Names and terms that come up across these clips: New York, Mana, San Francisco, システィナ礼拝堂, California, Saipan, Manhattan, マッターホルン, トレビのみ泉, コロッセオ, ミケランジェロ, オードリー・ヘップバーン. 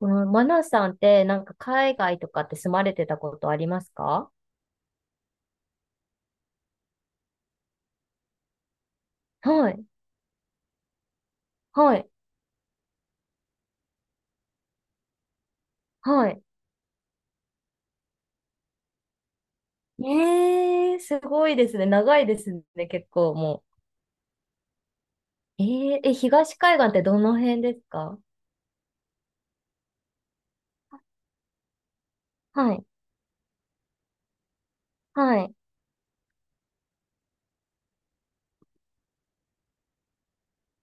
このマナさんってなんか海外とかって住まれてたことありますか？はい、はい、はい。すごいですね。長いですね、結構もう。えーえ、東海岸ってどの辺ですか？はい、はい、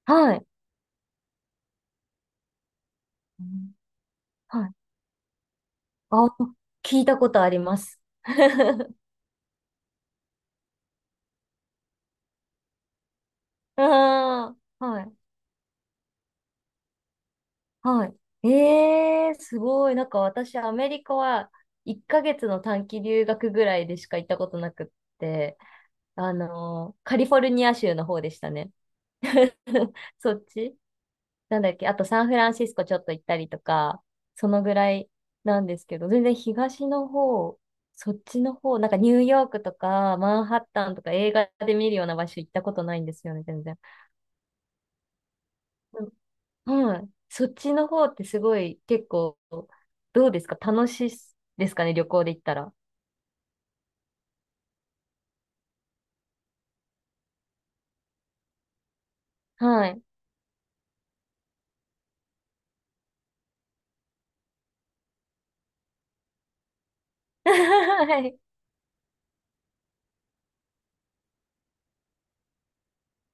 はい。うん。はい。あ、聞いたことあります。ああ、はい、はい。すごい。なんか私、アメリカは1ヶ月の短期留学ぐらいでしか行ったことなくって、カリフォルニア州の方でしたね。そっち、なんだっけ、あとサンフランシスコちょっと行ったりとか、そのぐらいなんですけど、全然東の方、そっちの方、なんかニューヨークとかマンハッタンとか映画で見るような場所行ったことないんですよね、全然。うん、はい。そっちの方ってすごい結構、どうですか楽しいですかね、旅行で行ったら。はい。はい。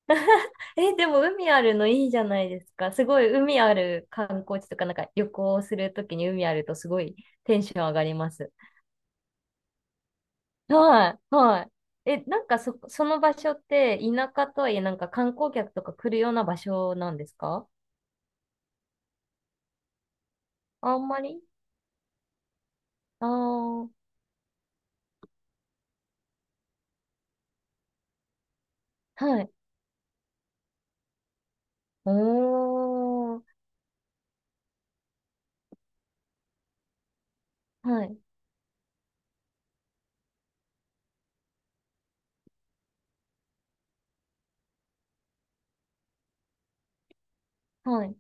え、でも海あるのいいじゃないですか。すごい海ある観光地とか、なんか旅行するときに海あるとすごいテンション上がります。はい、はい。え、なんかその場所って田舎とはいえなんか観光客とか来るような場所なんですか？あんまり。ああー、はい。おー、はい、はい。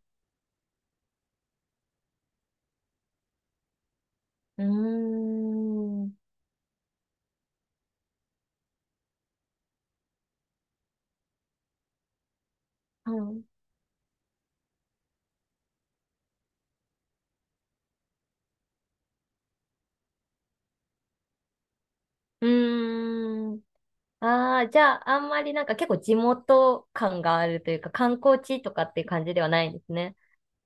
うーん、はい。うーん。ああ、じゃあ、あんまりなんか結構地元感があるというか、観光地とかっていう感じではないんですね。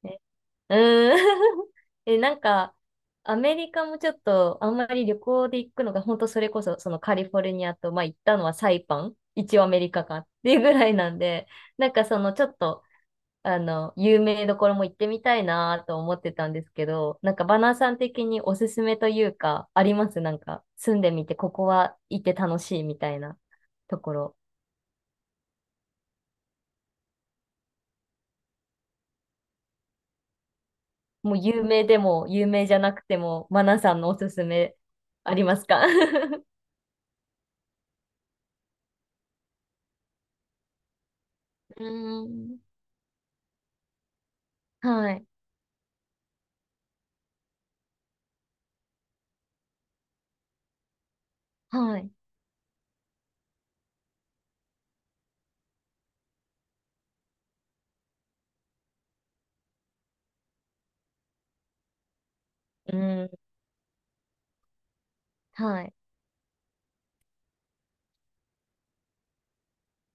ね。うーん。え、なんか、アメリカもちょっと、あんまり旅行で行くのが、本当それこそ、そのカリフォルニアと、まあ行ったのはサイパン、一応アメリカかっていうぐらいなんで、なんかそのちょっと、有名どころも行ってみたいなと思ってたんですけど、なんかバナーさん的におすすめというか、ありますなんか、住んでみて、ここは行って楽しいみたいなところ。もう有名でも有名じゃなくても、マナさんのおすすめありますか？ うーん。はい、はい、うーん、はい、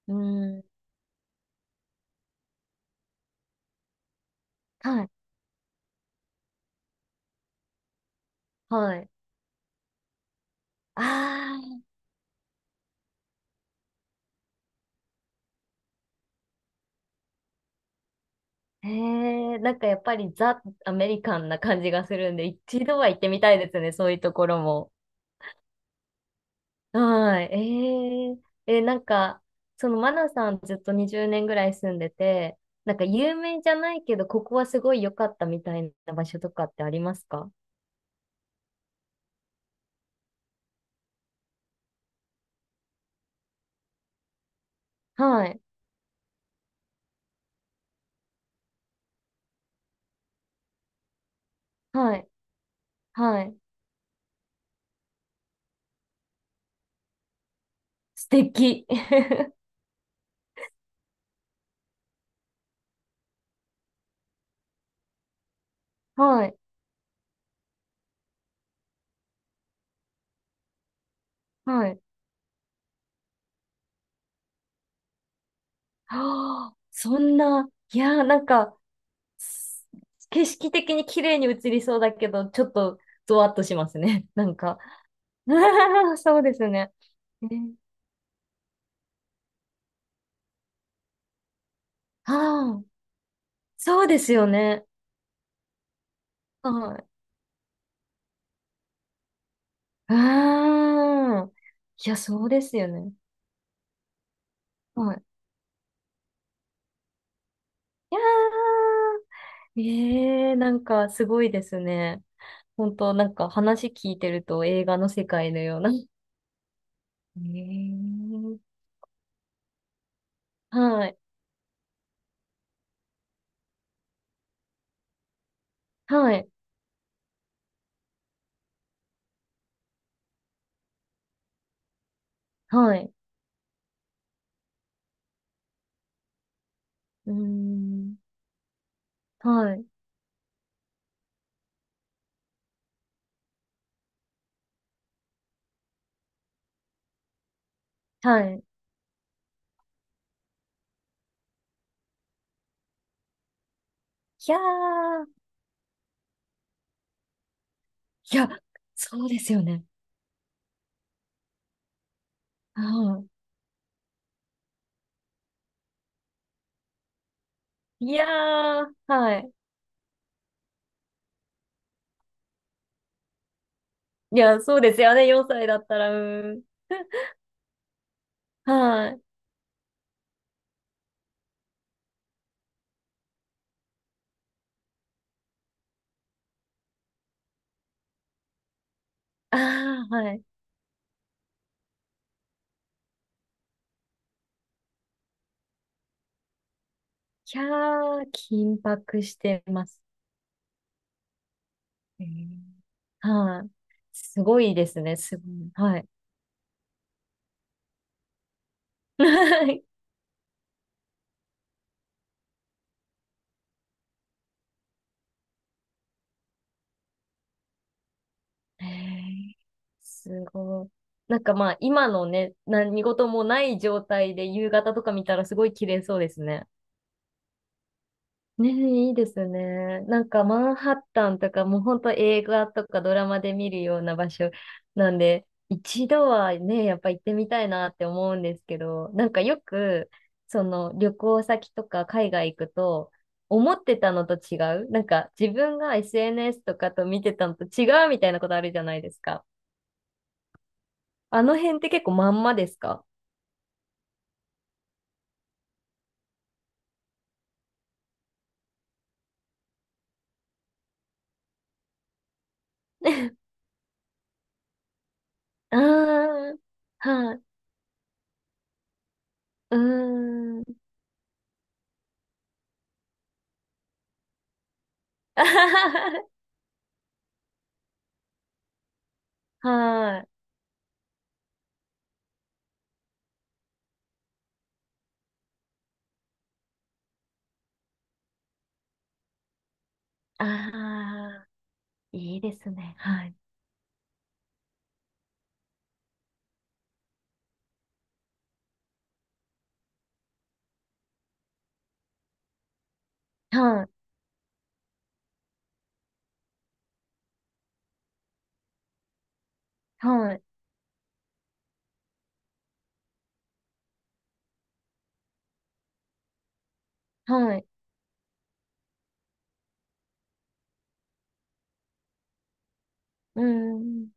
うーん、はい、はい。ああ、へえ、なんかやっぱりザ・アメリカンな感じがするんで、一度は行ってみたいですね、そういうところも。はい、なんか、そのマナさんずっと20年ぐらい住んでて、なんか有名じゃないけど、ここはすごい良かったみたいな場所とかってありますか？はい。はい。はい。素敵。はい。はい。はあ、そんな、いやー、なんか、す景色的に綺麗に映りそうだけど、ちょっと、ゾワッとしますね。なんか。そうですね。ね。ああ、そうですよね。はい。うーん。いや、そうですよね。はい。いやー、ええなんかすごいですね。本当なんか話聞いてると映画の世界のような。えー、はい、はい、はい、うーん、はい、はい。いやー、いや、そうですよね。はい。いやー、はい。いや、そうですよね、4歳だったら、うーん。はい。あー、はい。いやー、緊迫してます。えー、はい。すごいですね、すごい。はい。へえ、すごい。なんかまあ、今のね、何事もない状態で夕方とか見たらすごい綺麗そうですね。ねえ、いいですね。なんかマンハッタンとかもうほんと映画とかドラマで見るような場所なんで、一度はね、やっぱ行ってみたいなって思うんですけど、なんかよく、その旅行先とか海外行くと、思ってたのと違う。なんか自分が SNS とかと見てたのと違うみたいなことあるじゃないですか。あの辺って結構まんまですか？ あー、はい、うーん。あはは、はい。ああ、いいですね。はい。はい、はい、はい。うーん。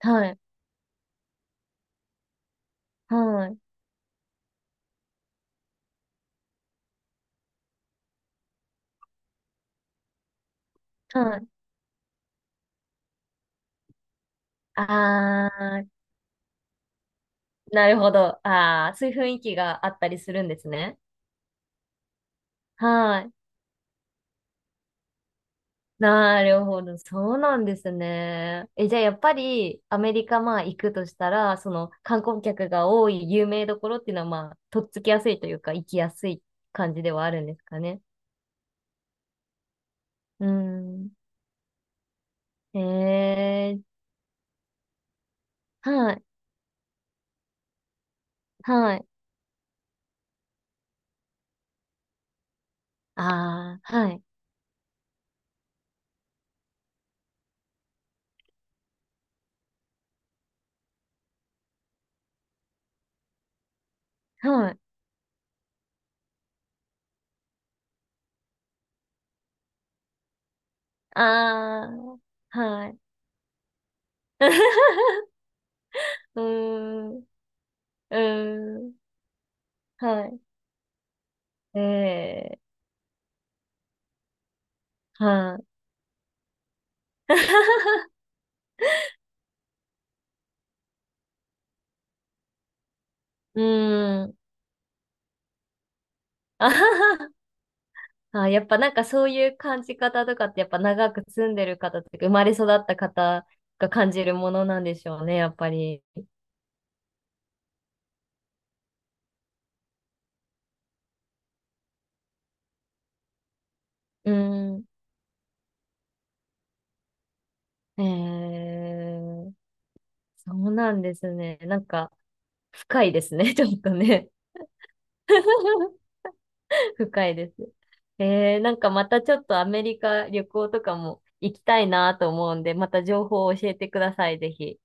はい、はい、はい。ああ、なるほど。ああ、そういう雰囲気があったりするんですね。はい。なるほど。そうなんですね。え、じゃあやっぱりアメリカまあ行くとしたら、その観光客が多い有名どころっていうのはまあ、とっつきやすいというか、行きやすい感じではあるんですかね。うん。えー、はい、はい。ああ、はい、はい。ああ、はい。うーん、うーん、はい。えー、はい。うーん。あはは、あー、やっぱなんかそういう感じ方とかってやっぱ長く住んでる方とか生まれ育った方が感じるものなんでしょうね、やっぱり。うん。えー、そうなんですね。なんか深いですね、ちょっとね。深いです。えー、なんかまたちょっとアメリカ旅行とかも行きたいなと思うんで、また情報を教えてください、ぜひ。